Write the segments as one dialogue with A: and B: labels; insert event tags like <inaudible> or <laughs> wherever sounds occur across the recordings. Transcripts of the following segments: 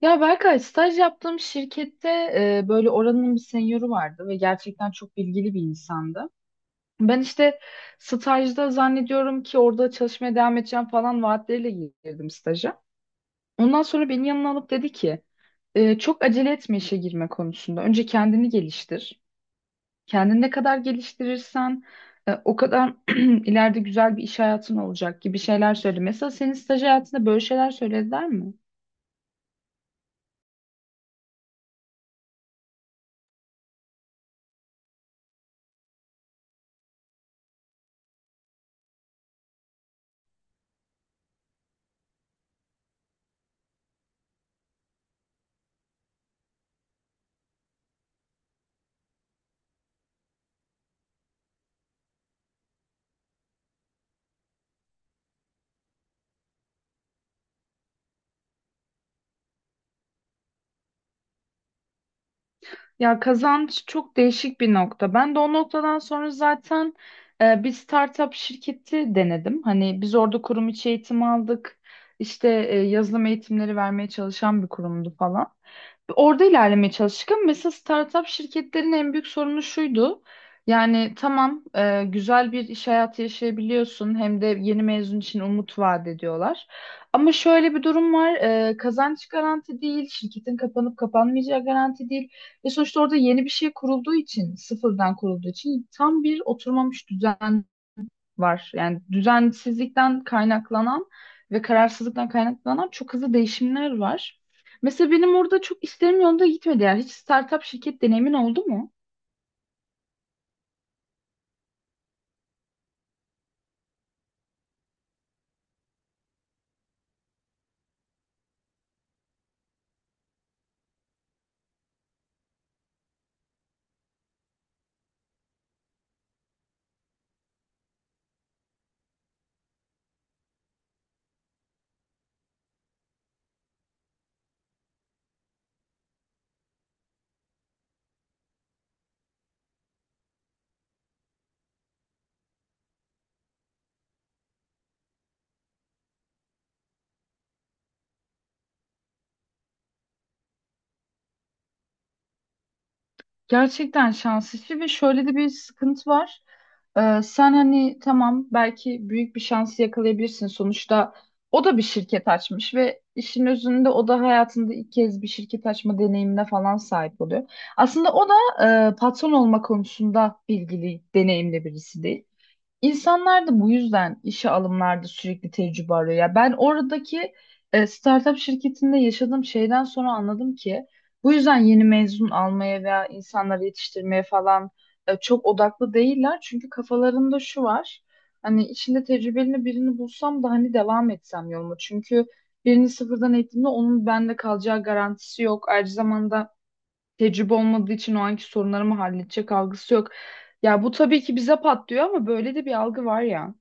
A: Ya Berkay, staj yaptığım şirkette böyle oranın bir senyörü vardı ve gerçekten çok bilgili bir insandı. Ben işte stajda zannediyorum ki orada çalışmaya devam edeceğim falan vaatleriyle girdim staja. Ondan sonra beni yanına alıp dedi ki çok acele etme işe girme konusunda. Önce kendini geliştir. Kendini ne kadar geliştirirsen o kadar <clears throat> ileride güzel bir iş hayatın olacak gibi şeyler söyledi. Mesela senin staj hayatında böyle şeyler söylediler mi? Ya kazanç çok değişik bir nokta. Ben de o noktadan sonra zaten bir startup şirketi denedim. Hani biz orada kurum içi eğitim aldık. İşte yazılım eğitimleri vermeye çalışan bir kurumdu falan. Orada ilerlemeye çalıştık ama mesela startup şirketlerin en büyük sorunu şuydu. Yani tamam, güzel bir iş hayatı yaşayabiliyorsun hem de yeni mezun için umut vaat ediyorlar. Ama şöyle bir durum var: kazanç garanti değil, şirketin kapanıp kapanmayacağı garanti değil. Ve sonuçta orada yeni bir şey kurulduğu için, sıfırdan kurulduğu için tam bir oturmamış düzen var. Yani düzensizlikten kaynaklanan ve kararsızlıktan kaynaklanan çok hızlı değişimler var. Mesela benim orada çok işlerim yolunda gitmedi. Yani hiç startup şirket deneyimin oldu mu? Gerçekten şans işi ve şöyle de bir sıkıntı var. Sen hani tamam, belki büyük bir şansı yakalayabilirsin. Sonuçta o da bir şirket açmış ve işin özünde o da hayatında ilk kez bir şirket açma deneyimine falan sahip oluyor. Aslında o da patron olma konusunda bilgili, deneyimli birisi değil. İnsanlar da bu yüzden işe alımlarda sürekli tecrübe arıyor. Ya ben oradaki startup şirketinde yaşadığım şeyden sonra anladım ki bu yüzden yeni mezun almaya veya insanları yetiştirmeye falan çok odaklı değiller. Çünkü kafalarında şu var. Hani içinde tecrübeli birini bulsam da hani devam etsem yoluma. Çünkü birini sıfırdan eğitimde onun bende kalacağı garantisi yok. Ayrıca zamanda tecrübe olmadığı için o anki sorunları mı halledecek algısı yok. Ya bu tabii ki bize patlıyor ama böyle de bir algı var ya.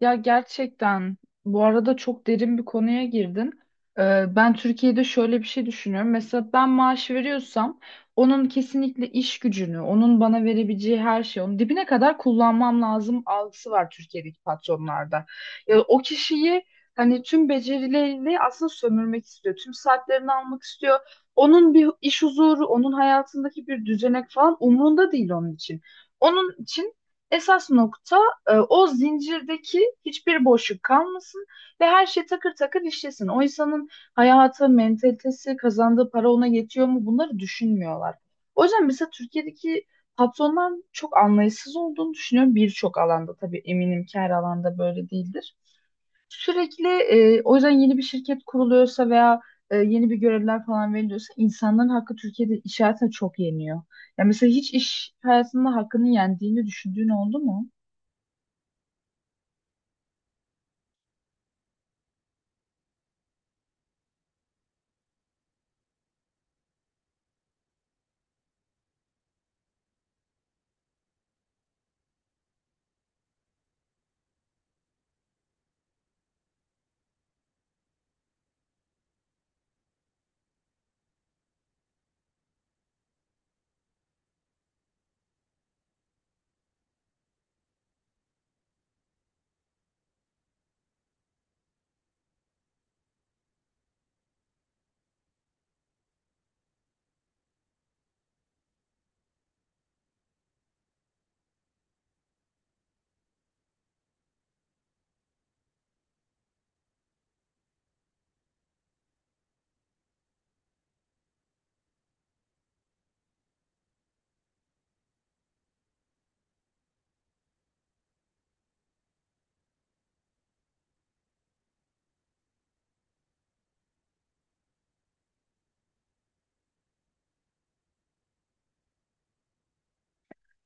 A: Ya gerçekten bu arada çok derin bir konuya girdin. Ben Türkiye'de şöyle bir şey düşünüyorum. Mesela ben maaş veriyorsam onun kesinlikle iş gücünü, onun bana verebileceği her şeyi, onun dibine kadar kullanmam lazım algısı var Türkiye'deki patronlarda. Ya o kişiyi hani tüm becerileriyle aslında sömürmek istiyor. Tüm saatlerini almak istiyor. Onun bir iş huzuru, onun hayatındaki bir düzenek falan umurunda değil onun için. Onun için esas nokta o zincirdeki hiçbir boşluk kalmasın ve her şey takır takır işlesin. O insanın hayatı, mentalitesi, kazandığı para ona yetiyor mu bunları düşünmüyorlar. O yüzden mesela Türkiye'deki patronların çok anlayışsız olduğunu düşünüyorum birçok alanda. Tabii eminim ki her alanda böyle değildir. Sürekli o yüzden yeni bir şirket kuruluyorsa veya yeni bir görevler falan veriliyorsa insanların hakkı Türkiye'de iş hayatına çok yeniyor. Ya mesela hiç iş hayatında hakkını yendiğini düşündüğün oldu mu?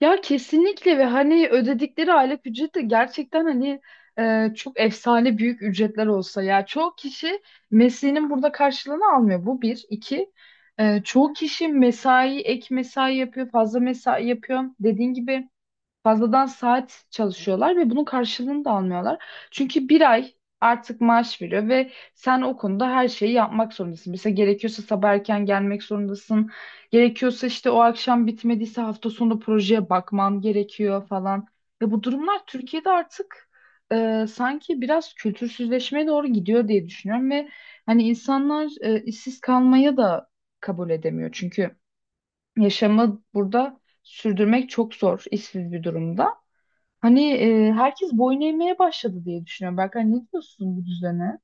A: Ya kesinlikle ve hani ödedikleri aylık ücret de gerçekten hani çok efsane büyük ücretler olsa ya çoğu kişi mesleğinin burada karşılığını almıyor. Bu bir. İki çoğu kişi mesai, ek mesai yapıyor, fazla mesai yapıyor. Dediğin gibi fazladan saat çalışıyorlar ve bunun karşılığını da almıyorlar. Çünkü bir ay artık maaş veriyor ve sen o konuda her şeyi yapmak zorundasın. Mesela gerekiyorsa sabah erken gelmek zorundasın. Gerekiyorsa işte o akşam bitmediyse hafta sonu projeye bakman gerekiyor falan. Ve bu durumlar Türkiye'de artık sanki biraz kültürsüzleşmeye doğru gidiyor diye düşünüyorum ve hani insanlar işsiz kalmaya da kabul edemiyor. Çünkü yaşamı burada sürdürmek çok zor, işsiz bir durumda. Hani herkes boyun eğmeye başladı diye düşünüyorum. Berkay, ne diyorsun bu düzene?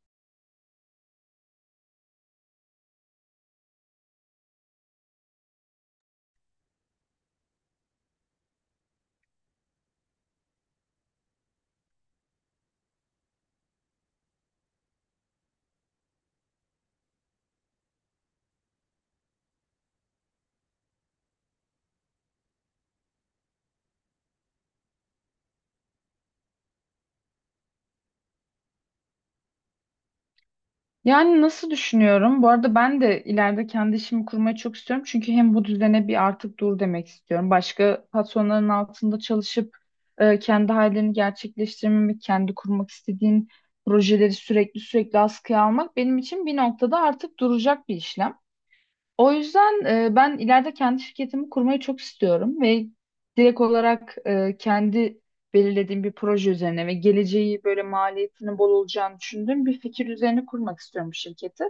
A: Yani nasıl düşünüyorum? Bu arada ben de ileride kendi işimi kurmayı çok istiyorum. Çünkü hem bu düzene bir artık dur demek istiyorum. Başka patronların altında çalışıp kendi hayallerini gerçekleştirmemek, kendi kurmak istediğin projeleri sürekli askıya almak benim için bir noktada artık duracak bir işlem. O yüzden ben ileride kendi şirketimi kurmayı çok istiyorum ve direkt olarak kendi belirlediğim bir proje üzerine ve geleceği böyle maliyetinin bol olacağını düşündüğüm bir fikir üzerine kurmak istiyorum bu şirketi.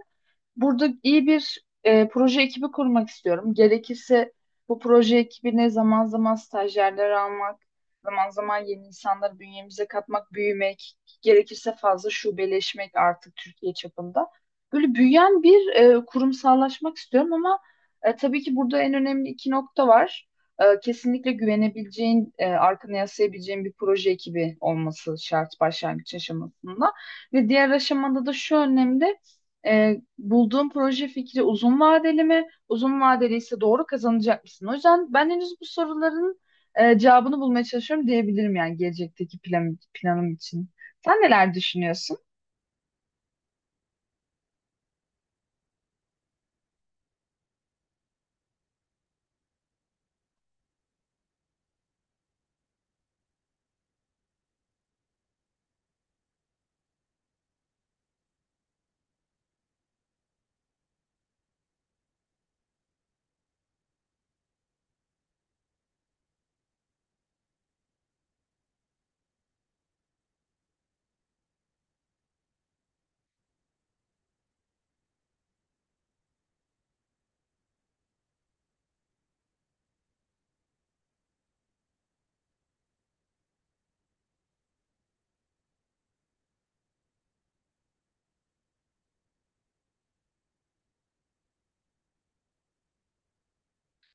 A: Burada iyi bir proje ekibi kurmak istiyorum. Gerekirse bu proje ekibine zaman zaman stajyerler almak, zaman zaman yeni insanları bünyemize katmak, büyümek, gerekirse fazla şubeleşmek artık Türkiye çapında. Böyle büyüyen bir kurumsallaşmak istiyorum ama tabii ki burada en önemli iki nokta var. Kesinlikle güvenebileceğin, arkana yaslayabileceğin bir proje ekibi olması şart başlangıç aşamasında. Ve diğer aşamada da şu önemli. Bulduğun proje fikri uzun vadeli mi? Uzun vadeli ise doğru kazanacak mısın? O yüzden ben henüz bu soruların cevabını bulmaya çalışıyorum diyebilirim yani gelecekteki planım için. Sen neler düşünüyorsun?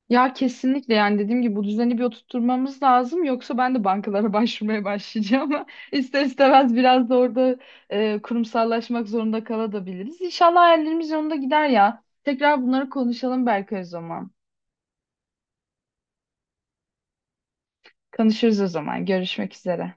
A: Ya kesinlikle, yani dediğim gibi bu düzeni bir oturtmamız lazım yoksa ben de bankalara başvurmaya başlayacağım. <laughs> İster istemez biraz da orada kurumsallaşmak zorunda kalabiliriz. İnşallah hayallerimiz yolunda gider ya. Tekrar bunları konuşalım belki o zaman. Konuşuruz o zaman. Görüşmek üzere.